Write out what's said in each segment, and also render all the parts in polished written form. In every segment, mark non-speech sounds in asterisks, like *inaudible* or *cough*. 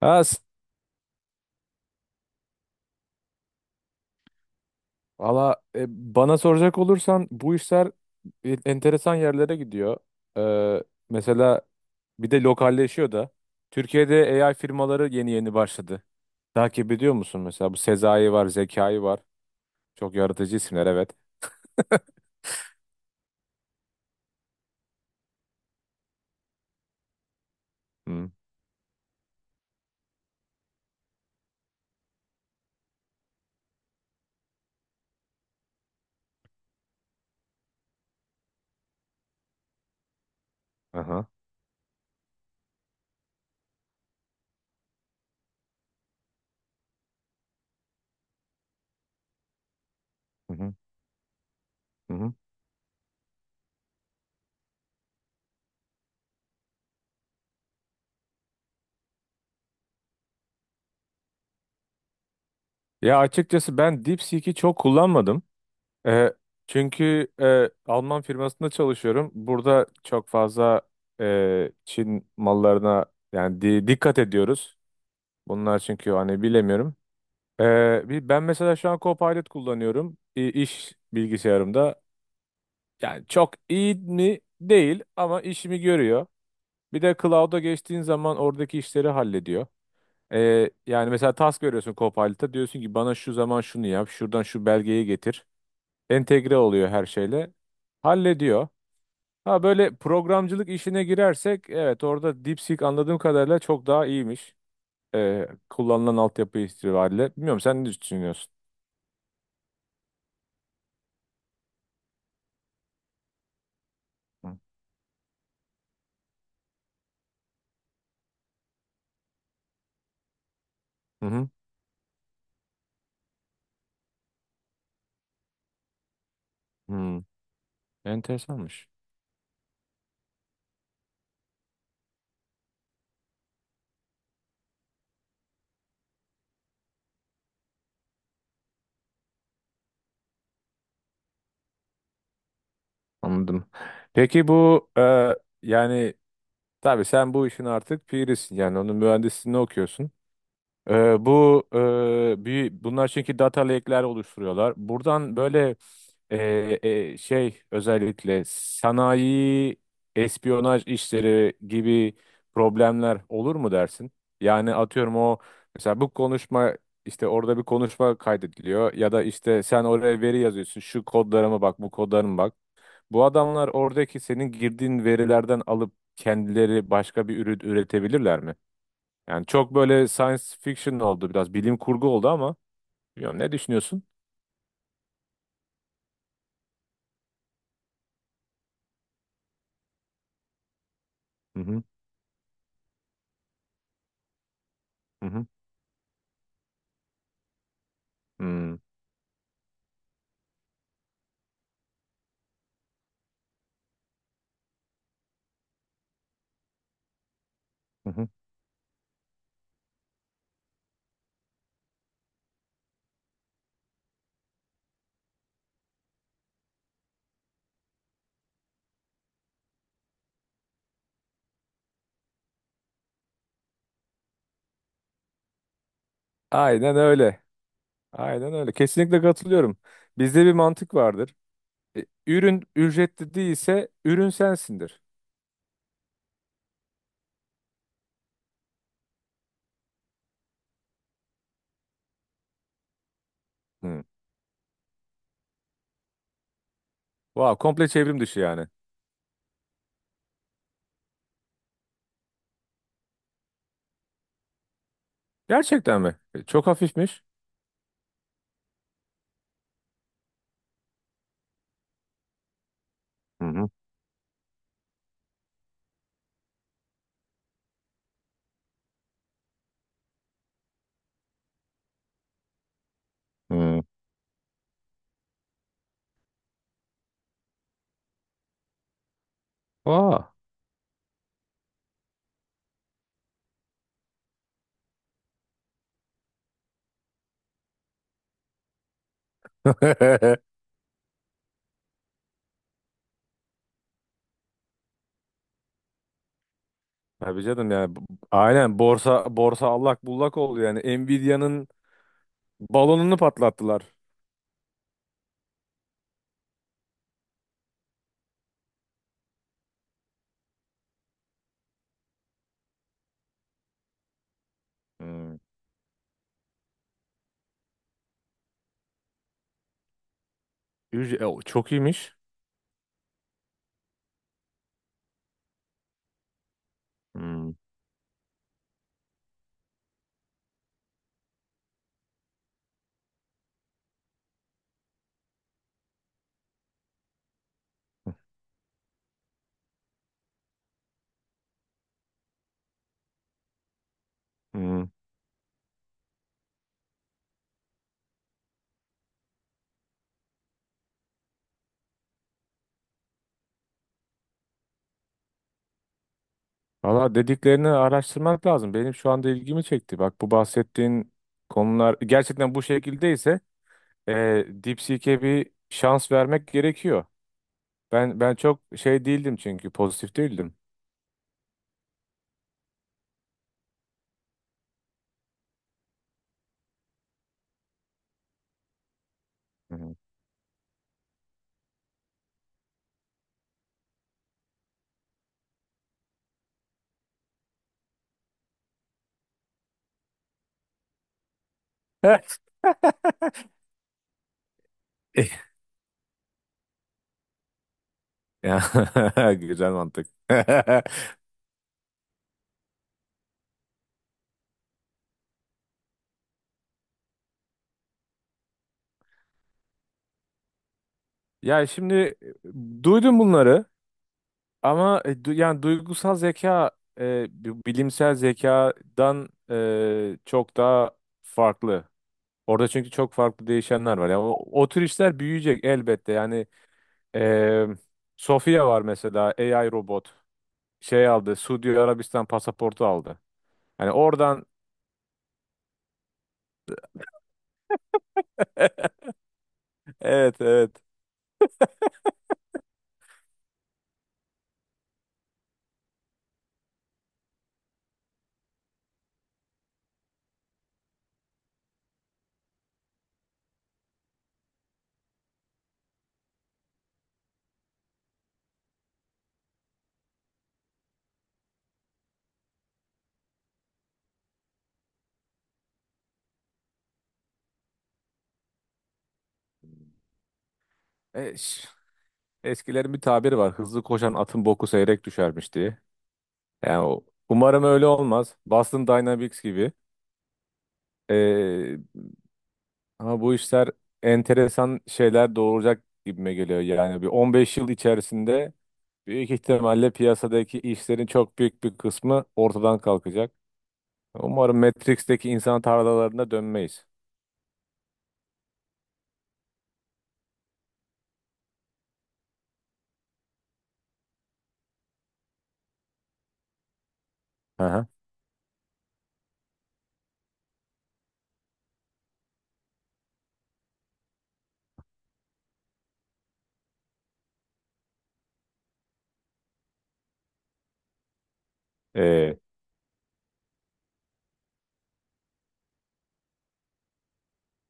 Ha, s- valla e, Bana soracak olursan bu işler enteresan yerlere gidiyor. Ee, mesela bir de lokalleşiyor da. Türkiye'de AI firmaları yeni yeni başladı. Takip ediyor musun mesela? Bu Sezai var, Zekai var. Çok yaratıcı isimler, evet. *laughs* Hı, aha, hı hı, hı hı. Ya açıkçası ben DeepSeek'i çok kullanmadım. Ee, çünkü Alman firmasında çalışıyorum. Burada çok fazla Çin mallarına yani dikkat ediyoruz. Bunlar çünkü hani bilemiyorum. Bir- ben mesela şu an Copilot kullanıyorum iş bilgisayarımda. Yani çok iyi mi? Değil, ama işimi görüyor. Bir de cloud'a geçtiğin zaman oradaki işleri hallediyor. Yani mesela task veriyorsun Copilot'a, diyorsun ki bana şu zaman şunu yap, şuradan şu belgeyi getir. Entegre oluyor her şeyle. Hallediyor. Ha, böyle programcılık işine girersek evet, orada DeepSeek anladığım kadarıyla çok daha iyiymiş. E, kullanılan altyapı itibariyle. Bilmiyorum, sen ne düşünüyorsun? Hı hı. Hı. Hmm. Enteresanmış. Anladım. Peki bu yani tabii sen bu işin artık pirisin. Yani onun mühendisliğini okuyorsun. E, bu e, bir, bunlar çünkü data lake'ler oluşturuyorlar. Buradan böyle şey, özellikle sanayi, espiyonaj işleri gibi problemler olur mu dersin? Yani atıyorum, o mesela bu konuşma, işte orada bir konuşma kaydediliyor ya da işte sen oraya veri yazıyorsun, şu kodlarıma bak, bu kodlarıma bak. Bu adamlar oradaki senin girdiğin verilerden alıp kendileri başka bir ürün üretebilirler mi? Yani çok böyle science fiction oldu, biraz bilim kurgu oldu, ama bilmiyorum, ne düşünüyorsun? Hı hı, hı hı. Hmm, hı hı. Aynen öyle. Aynen öyle, kesinlikle katılıyorum. Bizde bir mantık vardır. E, Ürün ücretli değilse ürün sensindir. Hı. Vay, komple çevrim dışı yani. Gerçekten mi? E, Çok hafifmiş. Hı hı. Hı. Vay. *laughs* Tabii canım yani. Bu- Aynen, borsa allak bullak oldu yani. Nvidia'nın balonunu patlattılar. Hı. Ücre- e, o Çok iyiymiş. Hı. Hı. Valla, dediklerini araştırmak lazım. Benim şu anda ilgimi çekti. Bak, bu bahsettiğin konular gerçekten bu şekildeyse e, DeepSeek'e bir şans vermek gerekiyor. Ben çok şey değildim, çünkü pozitif değildim. Hı hı. *laughs* Eh. Ya, *laughs* güzel mantık. *laughs* Ya şimdi duydum bunları, ama yani duygusal zeka, bilimsel zekadan çok daha farklı. Orada çünkü çok farklı değişenler var. Yani o tür işler büyüyecek elbette. Eee Sofia var mesela, AI robot. Şey aldı, Suudi Arabistan pasaportu aldı. Yani oradan *laughs* evet evet. E, ş- eskilerin bir tabiri var. Hızlı koşan atın boku seyrek düşermiş diye. Yani o- umarım öyle olmaz. Boston Dynamics gibi. Ee, ama bu işler enteresan şeyler doğuracak gibime geliyor. Yani bir 15 yıl içerisinde büyük ihtimalle piyasadaki işlerin çok büyük bir kısmı ortadan kalkacak. Umarım Matrix'teki insan tarlalarına dönmeyiz. Hı hı. Ee,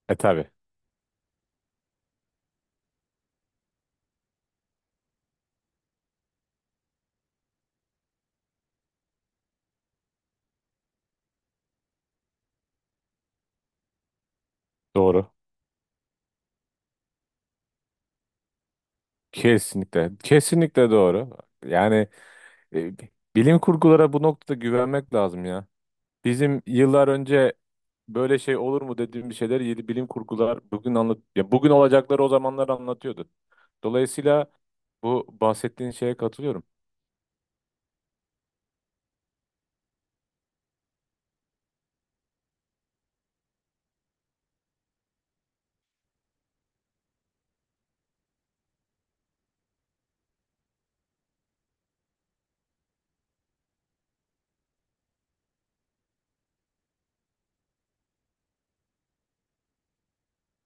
e tabii doğru. Kesinlikle. Kesinlikle doğru. Yani e, bilim kurgulara bu noktada güvenmek lazım ya. Bizim yıllar önce böyle şey olur mu dediğimiz şeyler, yeni bilim kurgular bugün anlat ya, bugün olacakları o zamanlar anlatıyordu. Dolayısıyla bu bahsettiğin şeye katılıyorum.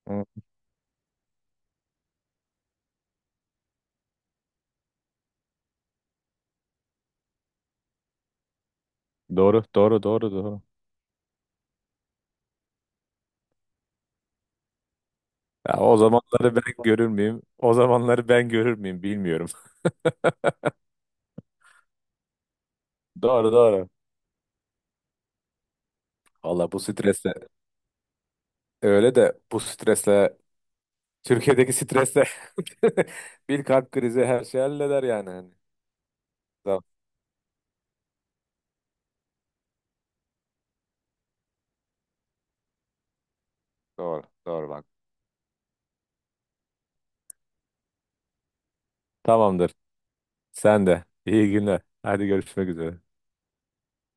Hı. Doğru, doğru, doğru, doğru. Ya, o zamanları ben görür müyüm? O zamanları ben görür müyüm, bilmiyorum. *laughs* Doğru, doğru. Valla, bu stresle, öyle de bu stresle, Türkiye'deki stresle, *laughs* bir kalp krizi her şey halleder yani, hani. Doğru, doğru, doğru bak. Tamamdır. Sen de. İyi günler. Hadi, görüşmek üzere.